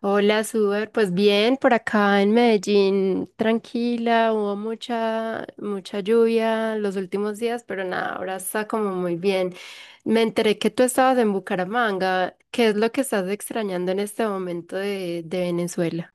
Hola, Suber. Pues bien, por acá en Medellín, tranquila, hubo mucha, mucha lluvia los últimos días, pero nada, ahora está como muy bien. Me enteré que tú estabas en Bucaramanga. ¿Qué es lo que estás extrañando en este momento de Venezuela?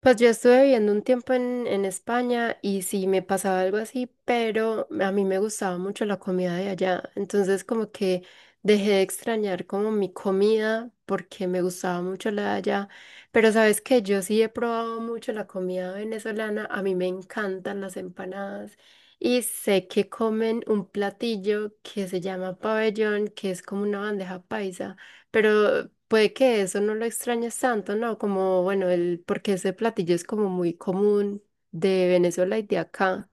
Pues yo estuve viviendo un tiempo en España y sí me pasaba algo así, pero a mí me gustaba mucho la comida de allá. Entonces como que dejé de extrañar como mi comida porque me gustaba mucho la de allá. Pero sabes que yo sí he probado mucho la comida venezolana. A mí me encantan las empanadas y sé que comen un platillo que se llama pabellón, que es como una bandeja paisa. Pero puede que eso no lo extrañes tanto, ¿no? Como, bueno, el, porque ese platillo es como muy común de Venezuela y de acá.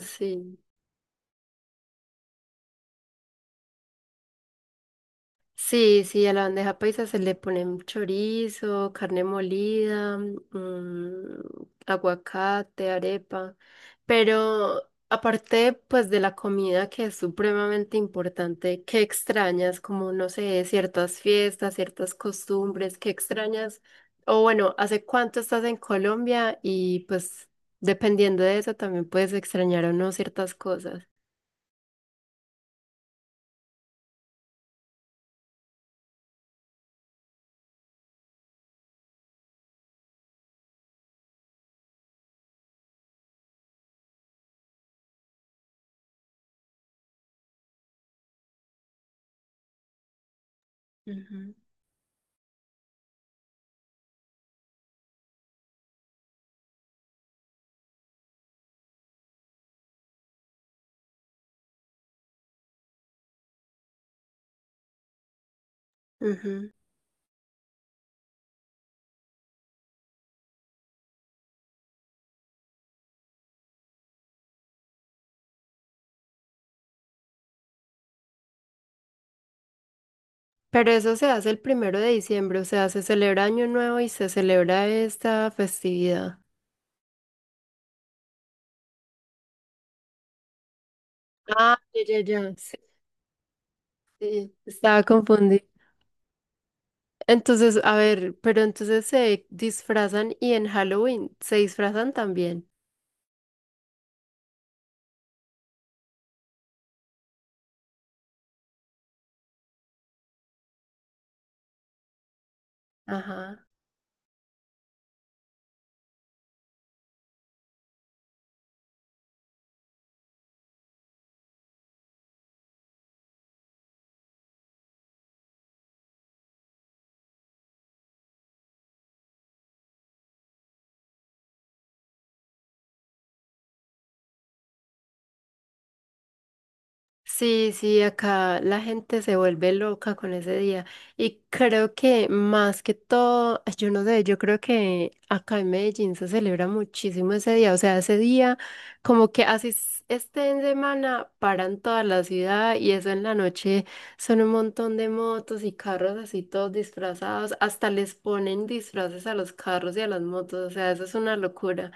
Sí. Sí, sí, a la bandeja paisa se le ponen chorizo, carne molida, mm, aguacate, arepa, pero aparte pues de la comida que es supremamente importante, ¿qué extrañas? Como no sé, ciertas fiestas, ciertas costumbres, ¿qué extrañas? O bueno, ¿hace cuánto estás en Colombia? Y pues dependiendo de eso también puedes extrañar o no ciertas cosas. Ujú. Ujú. Pero eso se hace el 1 de diciembre, o sea, se celebra Año Nuevo y se celebra esta festividad. Ah, ya, ya, ya. Sí, sí, estaba confundida. Entonces, a ver, pero entonces se disfrazan y en Halloween se disfrazan también. Ajá. Sí, sí, acá la gente se vuelve loca con ese día. Y creo que más que todo, ay, yo no sé, yo creo que acá en Medellín se celebra muchísimo ese día. O sea, ese día, como que así esté en semana, paran toda la ciudad y eso en la noche son un montón de motos y carros así todos disfrazados. Hasta les ponen disfraces a los carros y a las motos. O sea, eso es una locura.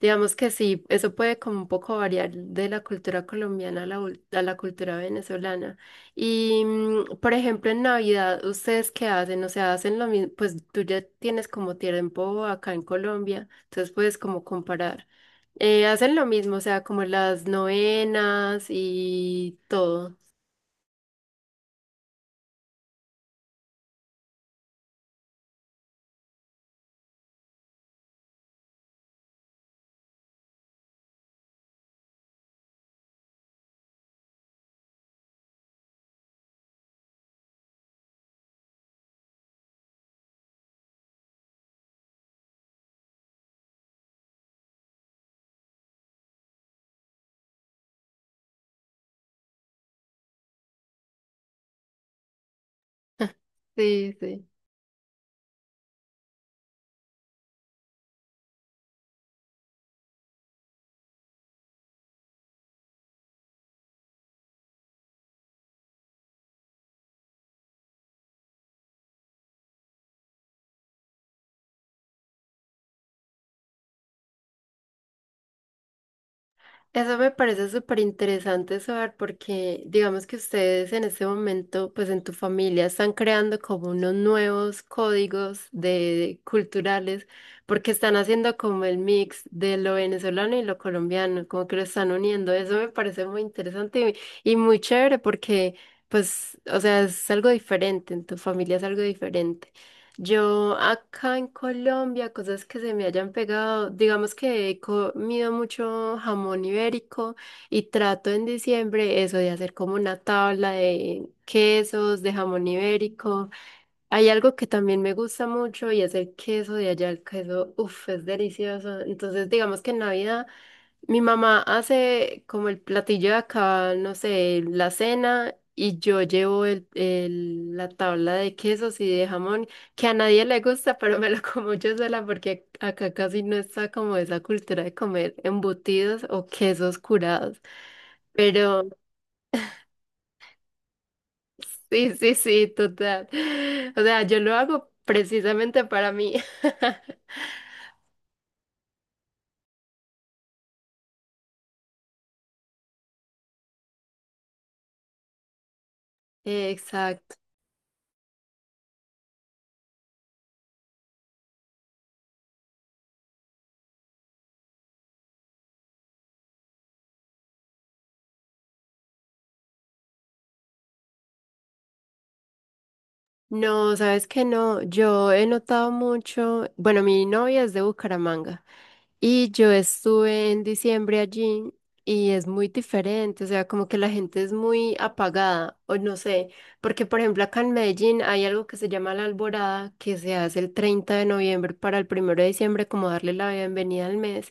Digamos que sí, eso puede como un poco variar de la cultura colombiana a a la cultura venezolana. Y, mm, por ejemplo, en Navidad, ¿ustedes qué hacen? O sea, hacen lo mismo, pues tú ya tienes como tiempo acá en Colombia, entonces puedes como comparar. Hacen lo mismo, o sea, como las novenas y todo. Sí, sí. Eso me parece súper interesante saber porque digamos que ustedes en este momento, pues en tu familia, están creando como unos nuevos códigos de, culturales porque están haciendo como el mix de lo venezolano y lo colombiano, como que lo están uniendo. Eso me parece muy interesante y muy chévere porque, pues, o sea, es algo diferente, en tu familia es algo diferente. Yo acá en Colombia, cosas que se me hayan pegado, digamos que he comido mucho jamón ibérico y trato en diciembre eso de hacer como una tabla de quesos, de jamón ibérico. Hay algo que también me gusta mucho y es el queso de allá, el queso, uff, es delicioso. Entonces, digamos que en Navidad... Mi mamá hace como el platillo de acá, no sé, la cena y yo llevo la tabla de quesos y de jamón, que a nadie le gusta, pero me lo como yo sola porque acá casi no está como esa cultura de comer embutidos o quesos curados. Pero sí, sí, sí, total. O sea, yo lo hago precisamente para mí. Exacto. No, sabes que no, yo he notado mucho, bueno, mi novia es de Bucaramanga. Y yo estuve en diciembre allí y es muy diferente, o sea, como que la gente es muy apagada, o no sé, porque por ejemplo acá en Medellín hay algo que se llama la Alborada, que se hace el 30 de noviembre para el 1 de diciembre, como darle la bienvenida al mes.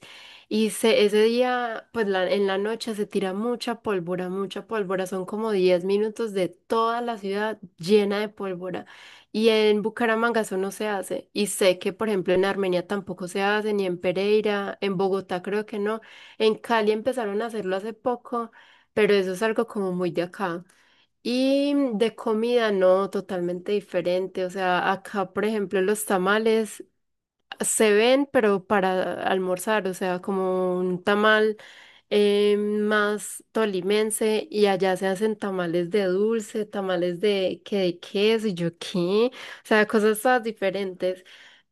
Y ese día, pues en la noche se tira mucha pólvora, son como 10 minutos de toda la ciudad llena de pólvora. Y en Bucaramanga eso no se hace. Y sé que, por ejemplo, en Armenia tampoco se hace, ni en Pereira, en Bogotá creo que no. En Cali empezaron a hacerlo hace poco, pero eso es algo como muy de acá. Y de comida, no, totalmente diferente. O sea, acá, por ejemplo, los tamales se ven, pero para almorzar, o sea, como un tamal más tolimense y allá se hacen tamales de dulce, tamales de que de queso y yo qué, o sea, cosas todas diferentes,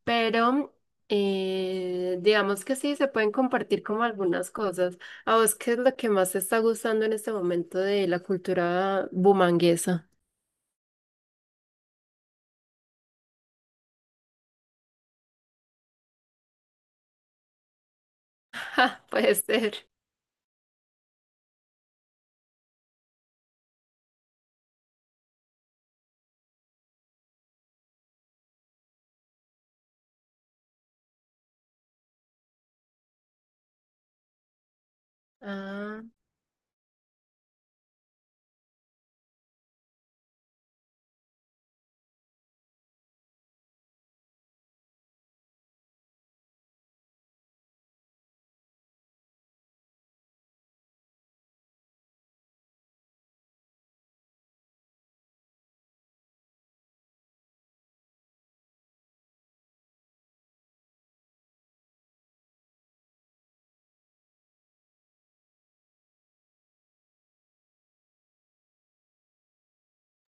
pero digamos que sí, se pueden compartir como algunas cosas. ¿A vos qué es lo que más te está gustando en este momento de la cultura bumanguesa? Ja, puede ser. Ah.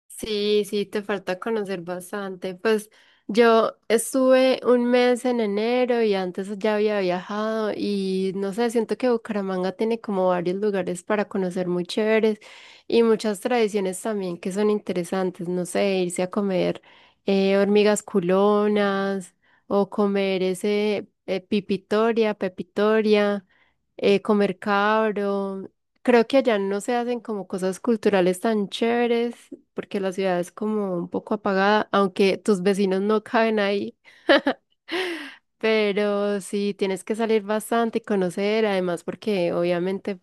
Sí, sí, te falta conocer bastante. Pues yo estuve 1 mes en enero y antes ya había viajado y no sé, siento que Bucaramanga tiene como varios lugares para conocer muy chéveres y muchas tradiciones también que son interesantes. No sé, irse a comer hormigas culonas o comer ese pipitoria, pepitoria comer cabro. Creo que allá no se hacen como cosas culturales tan chéveres porque la ciudad es como un poco apagada, aunque tus vecinos no caben ahí. Pero sí, tienes que salir bastante y conocer, además porque obviamente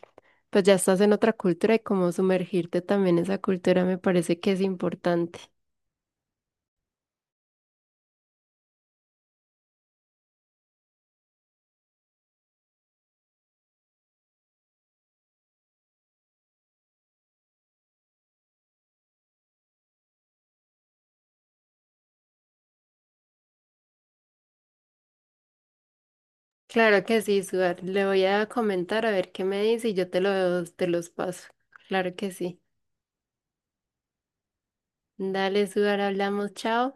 pues ya estás en otra cultura y como sumergirte también en esa cultura me parece que es importante. Claro que sí, Suar. Le voy a comentar a ver qué me dice y yo te los paso. Claro que sí. Dale, Suar, hablamos, chao.